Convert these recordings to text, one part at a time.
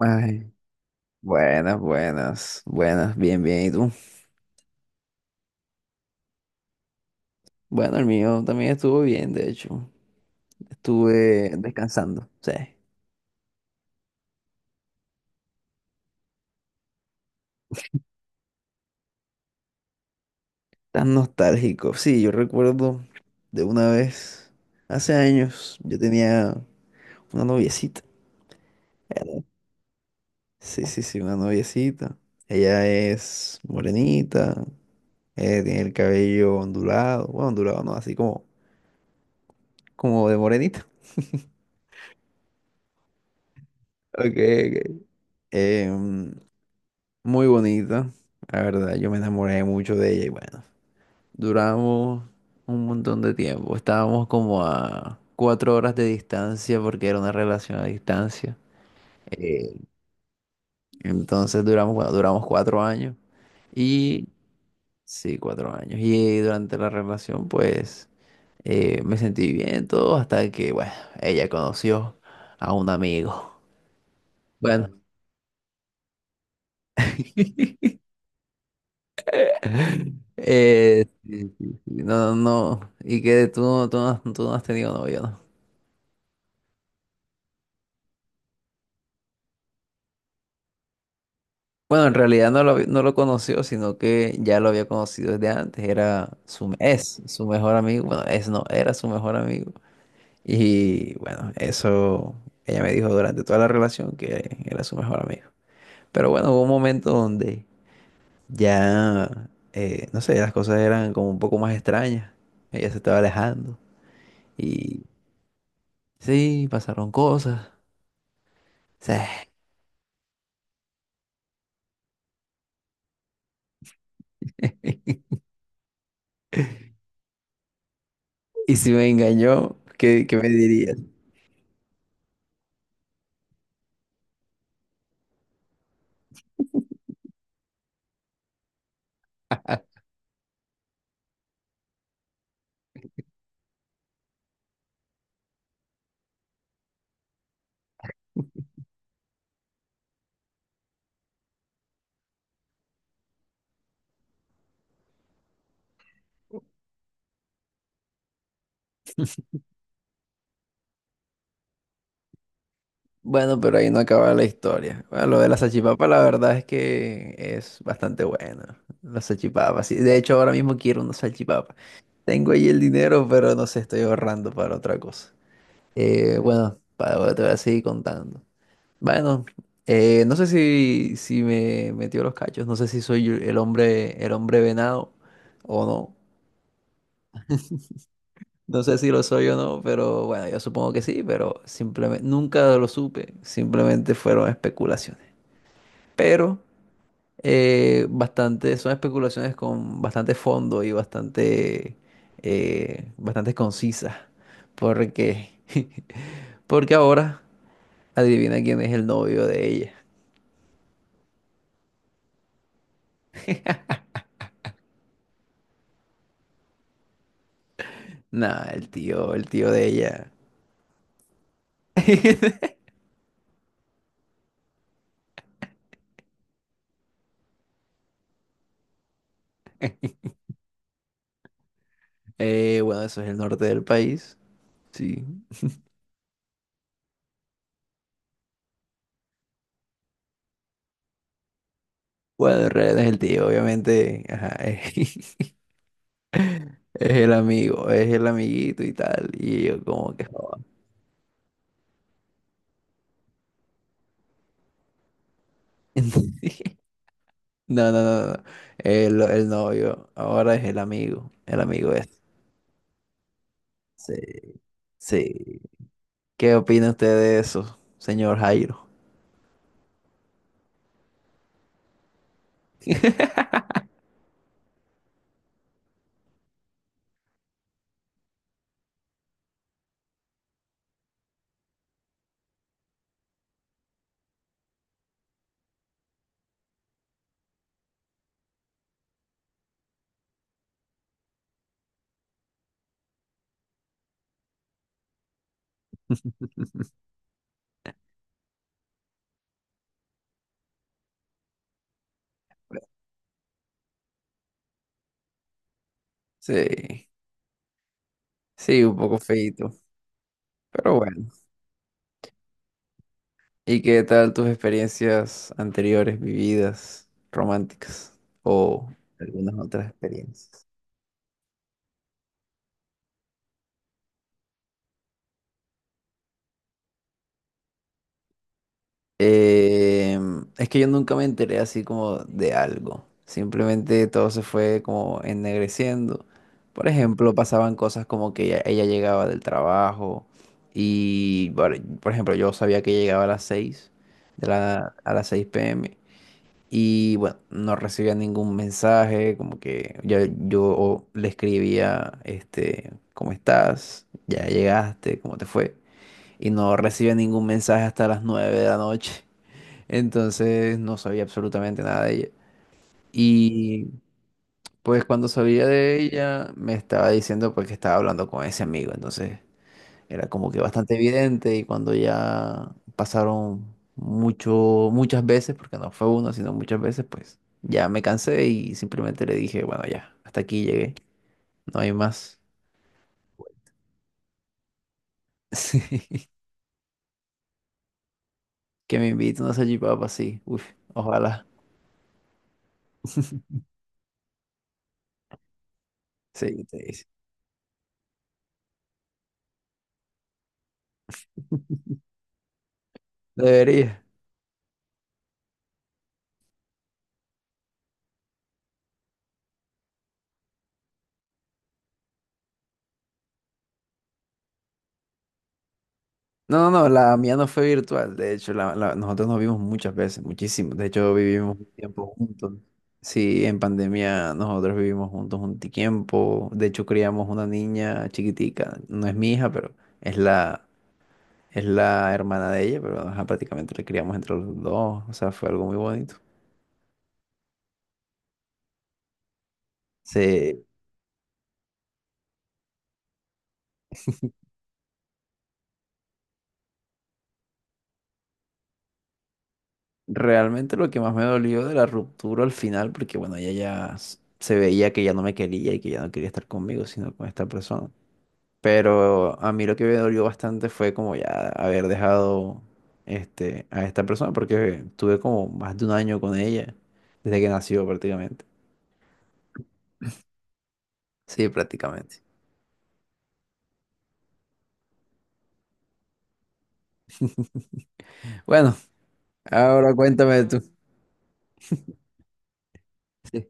Ay, buenas, buenas, buenas, bien, bien. ¿Y tú? Bueno, el mío también estuvo bien, de hecho. Estuve descansando, sí. Tan nostálgico. Sí, yo recuerdo de una vez, hace años, yo tenía una noviecita. Era- Sí, sí, sí, una noviecita. Ella es morenita, tiene el cabello ondulado, bueno, ondulado no, así como, como de morenita. Ok, ok. Em, Muy bonita, la verdad, yo me enamoré mucho de ella y bueno, duramos un montón de tiempo, estábamos como a 4 horas de distancia porque era una relación a distancia. Eh, entonces duramos, bueno, duramos 4 años y sí, 4 años, y durante la relación pues me sentí bien todo hasta que, bueno, ella conoció a un amigo, bueno, sí, sí, sí, no, no, y que tú, tú no has tenido novio, ¿no? Bueno, en realidad no lo, no lo conoció, sino que ya lo había conocido desde antes, era su, es su mejor amigo, bueno, es no, era su mejor amigo. Y bueno, eso ella me dijo durante toda la relación que era su mejor amigo. Pero bueno, hubo un momento donde ya, no sé, las cosas eran como un poco más extrañas, ella se estaba alejando y sí, pasaron cosas. Y si me engañó, ¿qué me dirías? Bueno, pero ahí no acaba la historia. Bueno, lo de la salchipapa, la verdad es que es bastante buena. La salchipapa, sí. De hecho, ahora mismo quiero una salchipapa. Tengo ahí el dinero, pero no sé, estoy ahorrando para otra cosa. Bueno, para ahora te voy a seguir contando. Bueno, no sé si, si me metió los cachos, no sé si soy yo el hombre venado o no. No sé si lo soy o no, pero bueno, yo supongo que sí, pero simplemente nunca lo supe, simplemente fueron especulaciones. Pero bastante, son especulaciones con bastante fondo y bastante, bastante concisas, porque, porque ahora adivina quién es el novio de ella. Nah, el tío de ella. Bueno, eso es el norte del país, sí. Bueno, en realidad es el tío, obviamente. Ajá, eh. Es el amigo, es el amiguito y tal. Y yo como que... joda. No, no, no, no. El novio. Ahora es el amigo. El amigo es. Sí, sí. ¿Qué opina usted de eso, señor Jairo? Sí, sí, un poco feito. Pero bueno. ¿Y qué tal tus experiencias anteriores, vividas, románticas? O algunas otras experiencias. Eh, es que yo nunca me enteré así como de algo. Simplemente todo se fue como ennegreciendo. Por ejemplo, pasaban cosas como que ella llegaba del trabajo y, por ejemplo, yo sabía que llegaba a las 6, de la, a las 6 p.m. Y bueno, no recibía ningún mensaje, como que yo le escribía, este, ¿cómo estás? ¿Ya llegaste? ¿Cómo te fue? Y no recibía ningún mensaje hasta las 9 de la noche. Entonces no sabía absolutamente nada de ella. Y pues cuando sabía de ella, me estaba diciendo pues que estaba hablando con ese amigo. Entonces era como que bastante evidente, y cuando ya pasaron mucho, muchas veces, porque no fue uno, sino muchas veces, pues ya me cansé y simplemente le dije, bueno, ya, hasta aquí llegué, no hay más. Sí, que me invite una salchipapa, sí. Uf, ojalá. Sí, te dice. Debería. No, no, no, la mía no fue virtual. De hecho, la, nosotros nos vimos muchas veces, muchísimo. De hecho, vivimos un tiempo juntos. Sí, en pandemia nosotros vivimos juntos un tiempo. De hecho, criamos una niña chiquitica. No es mi hija, pero es la, es la hermana de ella, pero ajá, prácticamente la criamos entre los dos. O sea, fue algo muy bonito. Sí, realmente lo que más me dolió de la ruptura al final, porque bueno, ella ya se veía que ya no me quería y que ya no quería estar conmigo, sino con esta persona. Pero a mí lo que me dolió bastante fue como ya haber dejado este, a esta persona, porque tuve como más de un año con ella, desde que nació prácticamente. Sí, prácticamente. Bueno, ahora cuéntame tú. Sí.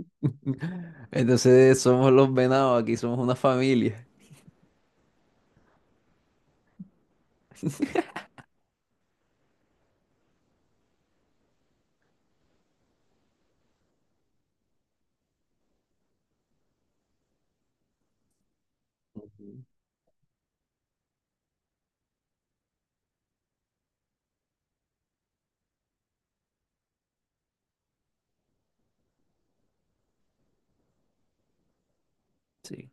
Entonces somos los venados, aquí somos una familia. Ujú. Sí.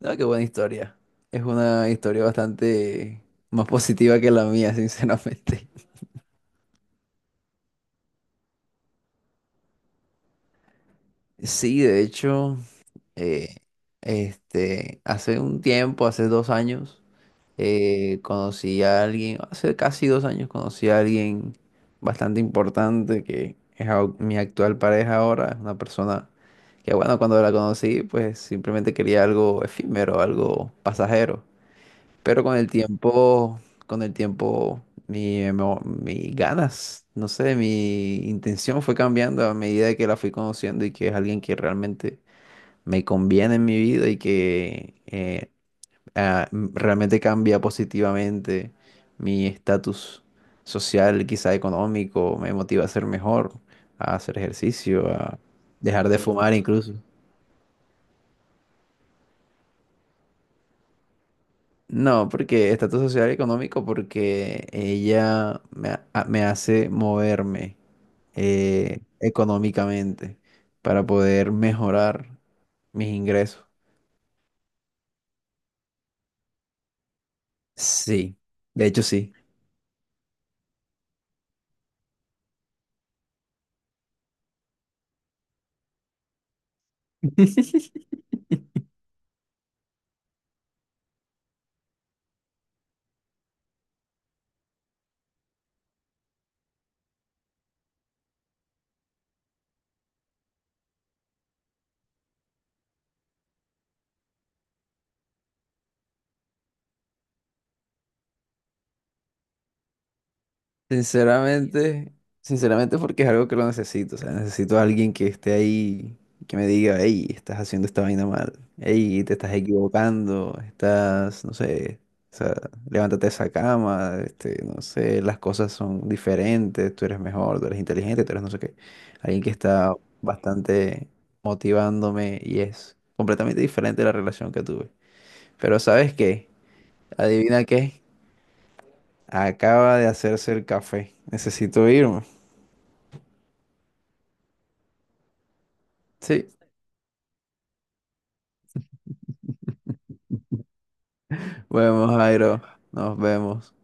No, qué buena historia. Es una historia bastante más positiva que la mía, sinceramente. Sí, de hecho. Eh, este, hace un tiempo, hace 2 años, conocí a alguien, hace casi 2 años conocí a alguien bastante importante que es mi actual pareja ahora, es una persona que bueno, cuando la conocí, pues simplemente quería algo efímero, algo pasajero, pero con el tiempo, mi, mis ganas, no sé, mi intención fue cambiando a medida que la fui conociendo y que es alguien que realmente me conviene en mi vida y que realmente cambia positivamente mi estatus social, quizá económico, me motiva a ser mejor, a hacer ejercicio, a dejar de fumar incluso. No, porque estatus social y económico, porque ella me, me hace moverme económicamente para poder mejorar mis ingresos. Sí, de hecho sí. Sinceramente, sinceramente porque es algo que lo necesito, o sea, necesito a alguien que esté ahí, que me diga, hey, estás haciendo esta vaina mal, hey, te estás equivocando, estás, no sé, o sea, levántate de esa cama, este, no sé, las cosas son diferentes, tú eres mejor, tú eres inteligente, tú eres no sé qué. Alguien que está bastante motivándome y es completamente diferente de la relación que tuve. Pero ¿sabes qué? ¿Adivina qué? Acaba de hacerse el café. Necesito irme. Sí, bueno, Jairo, nos vemos.